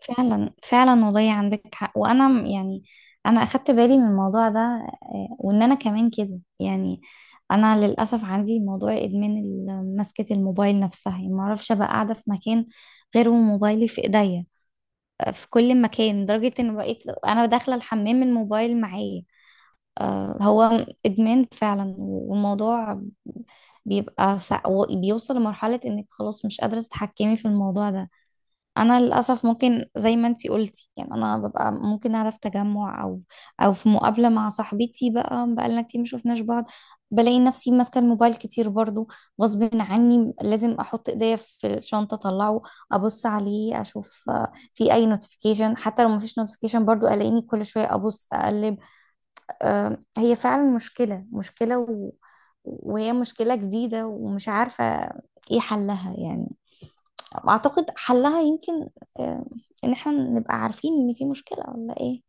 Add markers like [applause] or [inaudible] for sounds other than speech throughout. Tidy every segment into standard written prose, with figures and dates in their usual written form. فعلا فعلا والله عندك حق. وانا انا اخدت بالي من الموضوع ده. وان انا كمان كده يعني انا للاسف عندي موضوع ادمان مسكة الموبايل نفسها، يعني ما اعرفش ابقى قاعده في مكان غير وموبايلي في ايديا في كل مكان، لدرجة ان بقيت انا داخلة الحمام الموبايل معايا. هو ادمان فعلا. والموضوع بيبقى سا... بيوصل لمرحلة انك خلاص مش قادرة تتحكمي في الموضوع ده. انا للاسف ممكن زي ما انتي قلتي، يعني انا ببقى ممكن اعرف تجمع او في مقابله مع صاحبتي بقى بقالنا كتير ما شفناش بعض، بلاقي نفسي ماسكه الموبايل كتير برضو غصب عني. لازم احط ايديا في الشنطه، اطلعه ابص عليه اشوف في اي نوتيفيكيشن. حتى لو ما فيش نوتيفيكيشن برضو الاقيني كل شويه ابص اقلب. هي فعلا مشكله مشكله وهي مشكله جديده ومش عارفه ايه حلها. يعني اعتقد حلها يمكن آه، ان احنا نبقى عارفين ان في مشكلة ولا ايه.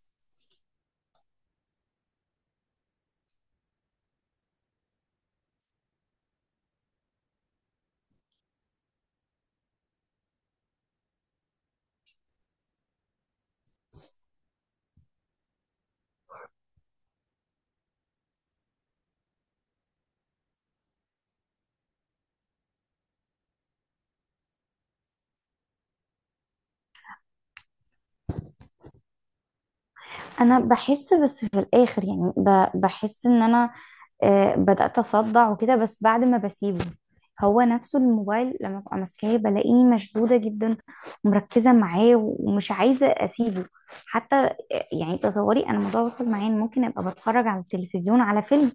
انا بحس، بس في الاخر يعني بحس ان انا بدأت أصدع وكده، بس بعد ما بسيبه. هو نفسه الموبايل لما ببقى ماسكاه بلاقيني مشدودة جدا ومركزة معاه ومش عايزة أسيبه حتى. يعني تصوري، أنا الموضوع وصل معايا إن ممكن أبقى بتفرج على التلفزيون على فيلم،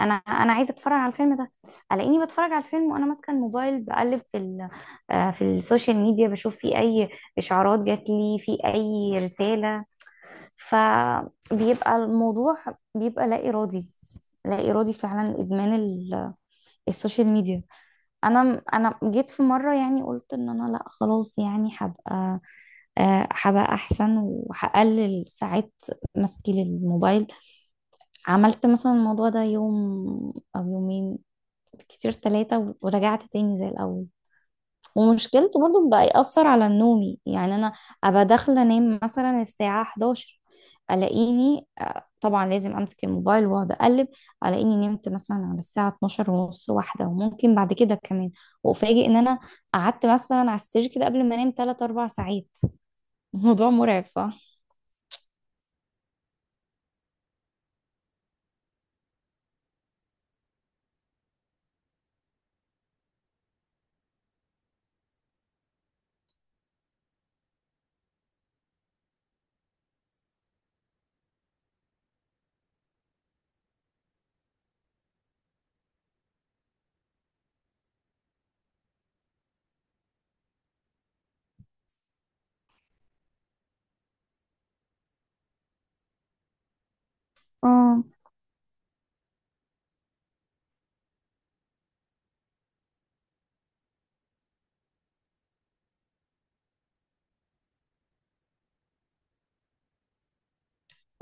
أنا عايزة أتفرج على الفيلم ده، ألاقيني بتفرج على الفيلم وأنا ماسكة الموبايل بقلب في ال آه، في السوشيال ميديا، بشوف في أي إشعارات جات لي، في أي رسالة. فبيبقى الموضوع بيبقى لا إرادي، لا إرادي فعلا. إدمان السوشيال ميديا. أنا جيت في مرة، يعني قلت إن أنا لا خلاص، يعني هبقى هبقى أحسن وهقلل ساعات مسكي للموبايل. عملت مثلا الموضوع ده يوم أو يومين، كتير ثلاثة، ورجعت تاني زي الأول. ومشكلته برضو بقى يأثر على نومي، يعني أنا أبقى داخلة أنام مثلا الساعة 11، ألاقيني طبعا لازم أمسك الموبايل وأقعد أقلب، ألاقيني نمت مثلا على الساعة 12 ونص واحدة، وممكن بعد كده كمان، وأفاجئ إن أنا قعدت مثلا على السرير كده قبل ما أنام 3 4 ساعات. [laughs] الموضوع مرعب، صح؟ اه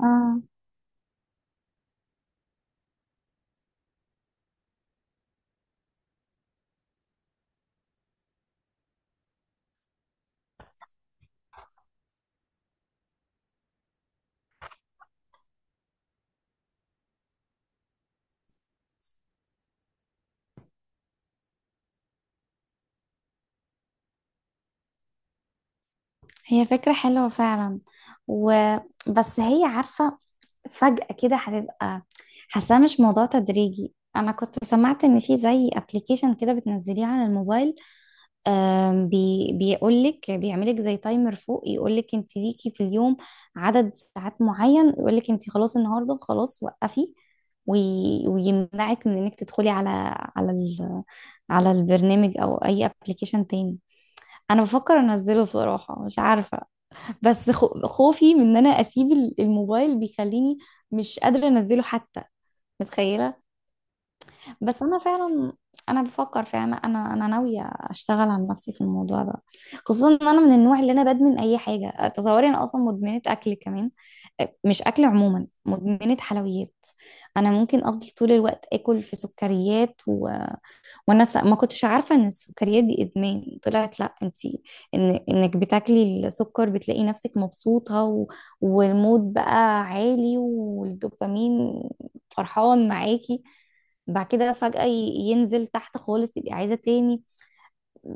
اه. هي فكرة حلوة فعلا، وبس هي عارفة فجأة كده هتبقى حاساه، مش موضوع تدريجي. انا كنت سمعت ان في زي ابلكيشن كده بتنزليه على الموبايل، بي بيقول لك، بيعملك زي تايمر فوق يقول لك انت ليكي في اليوم عدد ساعات معين، يقول لك انت خلاص النهارده خلاص وقفي، ويمنعك من انك تدخلي على ال على البرنامج او اي ابلكيشن تاني. انا بفكر انزله بصراحة، مش عارفة، بس خوفي من ان انا اسيب الموبايل بيخليني مش قادره انزله حتى، متخيله. بس انا فعلا انا بفكر فعلا، انا ناويه اشتغل على نفسي في الموضوع ده، خصوصا ان انا من النوع اللي انا بدمن اي حاجه. تصوري، انا اصلا مدمنه اكل كمان. مش اكل عموما، مدمنه حلويات. انا ممكن افضل طول الوقت اكل في سكريات وانا ما كنتش عارفه ان السكريات دي ادمان. طلعت لا انتي، ان انك بتاكلي السكر بتلاقي نفسك مبسوطه والمود بقى عالي والدوبامين فرحان معاكي، بعد كده فجأة ينزل تحت خالص، تبقي عايزة تاني.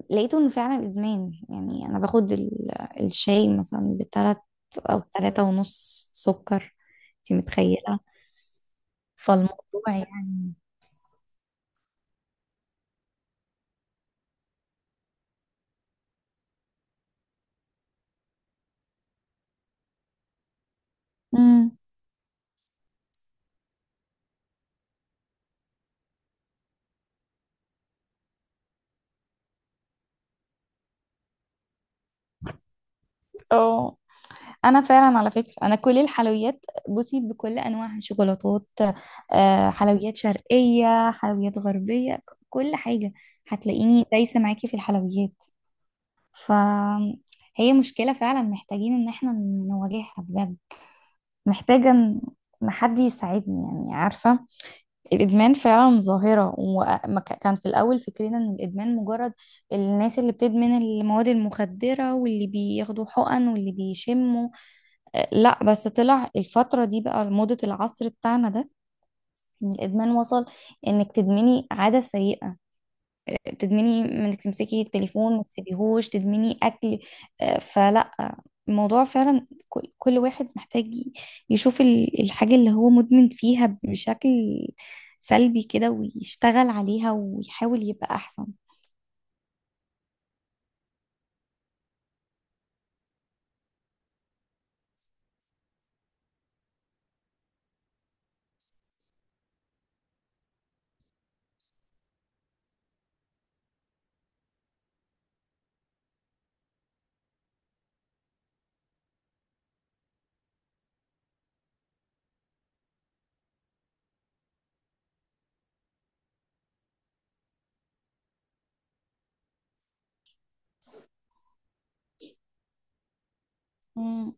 لقيته انه فعلا ادمان. يعني انا باخد الشاي مثلا بتلات او تلاتة ونص سكر، انتي متخيلة؟ فالموضوع يعني. مم. اه. انا فعلا على فكره انا كل الحلويات، بصي، بكل انواعها، شوكولاتات حلويات شرقيه، حلويات غربيه، كل حاجه هتلاقيني دايسه معاكي في الحلويات. فهي مشكله فعلا، محتاجين ان احنا نواجهها بجد. محتاجه إن حد يساعدني، يعني عارفه الادمان فعلا ظاهره. وكان في الاول فكرنا ان الادمان مجرد الناس اللي بتدمن المواد المخدره واللي بياخدوا حقن واللي بيشموا، لا بس طلع الفترة دي بقى موضة العصر بتاعنا ده، إن الإدمان وصل إنك تدمني عادة سيئة، تدمني إنك تمسكي التليفون ما تسيبيهوش، تدمني أكل. فلا، الموضوع فعلا، كل واحد محتاج يشوف الحاجة اللي هو مدمن فيها بشكل سلبي كده، ويشتغل عليها ويحاول يبقى أحسن. مم.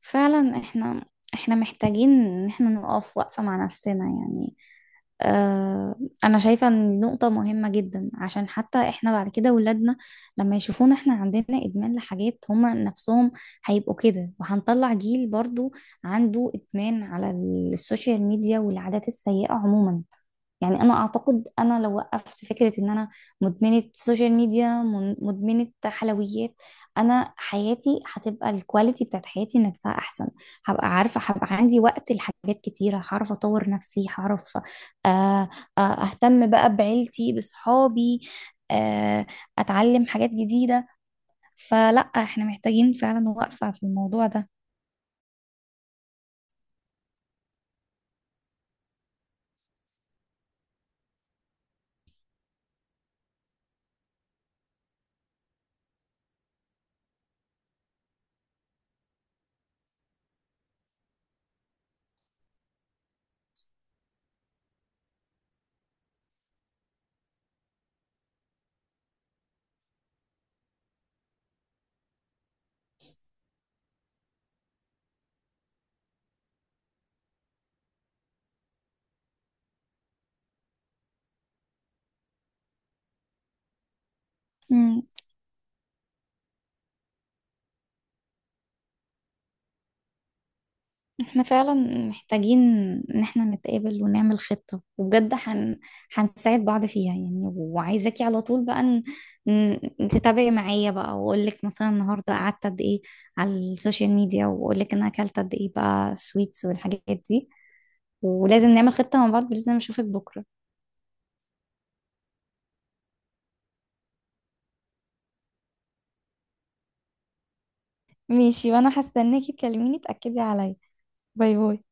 فعلا، إحنا محتاجين إن إحنا نقف وقفة مع نفسنا، يعني آه، انا شايفة ان دي نقطة مهمة جدا، عشان حتى احنا بعد كده ولادنا لما يشوفونا احنا عندنا ادمان لحاجات، هما نفسهم هيبقوا كده، وهنطلع جيل برضو عنده ادمان على السوشيال ميديا والعادات السيئة عموما. يعني انا اعتقد انا لو وقفت فكرة ان انا مدمنة سوشيال ميديا، مدمنة حلويات، انا حياتي هتبقى الكواليتي بتاعت حياتي نفسها احسن. هبقى عارفة، هبقى عندي وقت لحاجات كتيرة، هعرف اطور نفسي، هعرف آه، اهتم بقى بعيلتي، بصحابي، آه، اتعلم حاجات جديدة. فلا، احنا محتاجين فعلا وقفة في الموضوع ده. مم. احنا فعلا محتاجين ان احنا نتقابل ونعمل خطة، وبجد هنساعد بعض فيها، يعني. وعايزاكي على طول بقى تتابعي معايا بقى، واقول لك مثلا النهارده قعدت قد ايه على السوشيال ميديا، واقول لك انا اكلت قد ايه بقى سويتس والحاجات دي. ولازم نعمل خطة مع بعض، لازم اشوفك بكرة. ماشي، وانا هستناكي تكلميني تأكدي عليا. باي باي.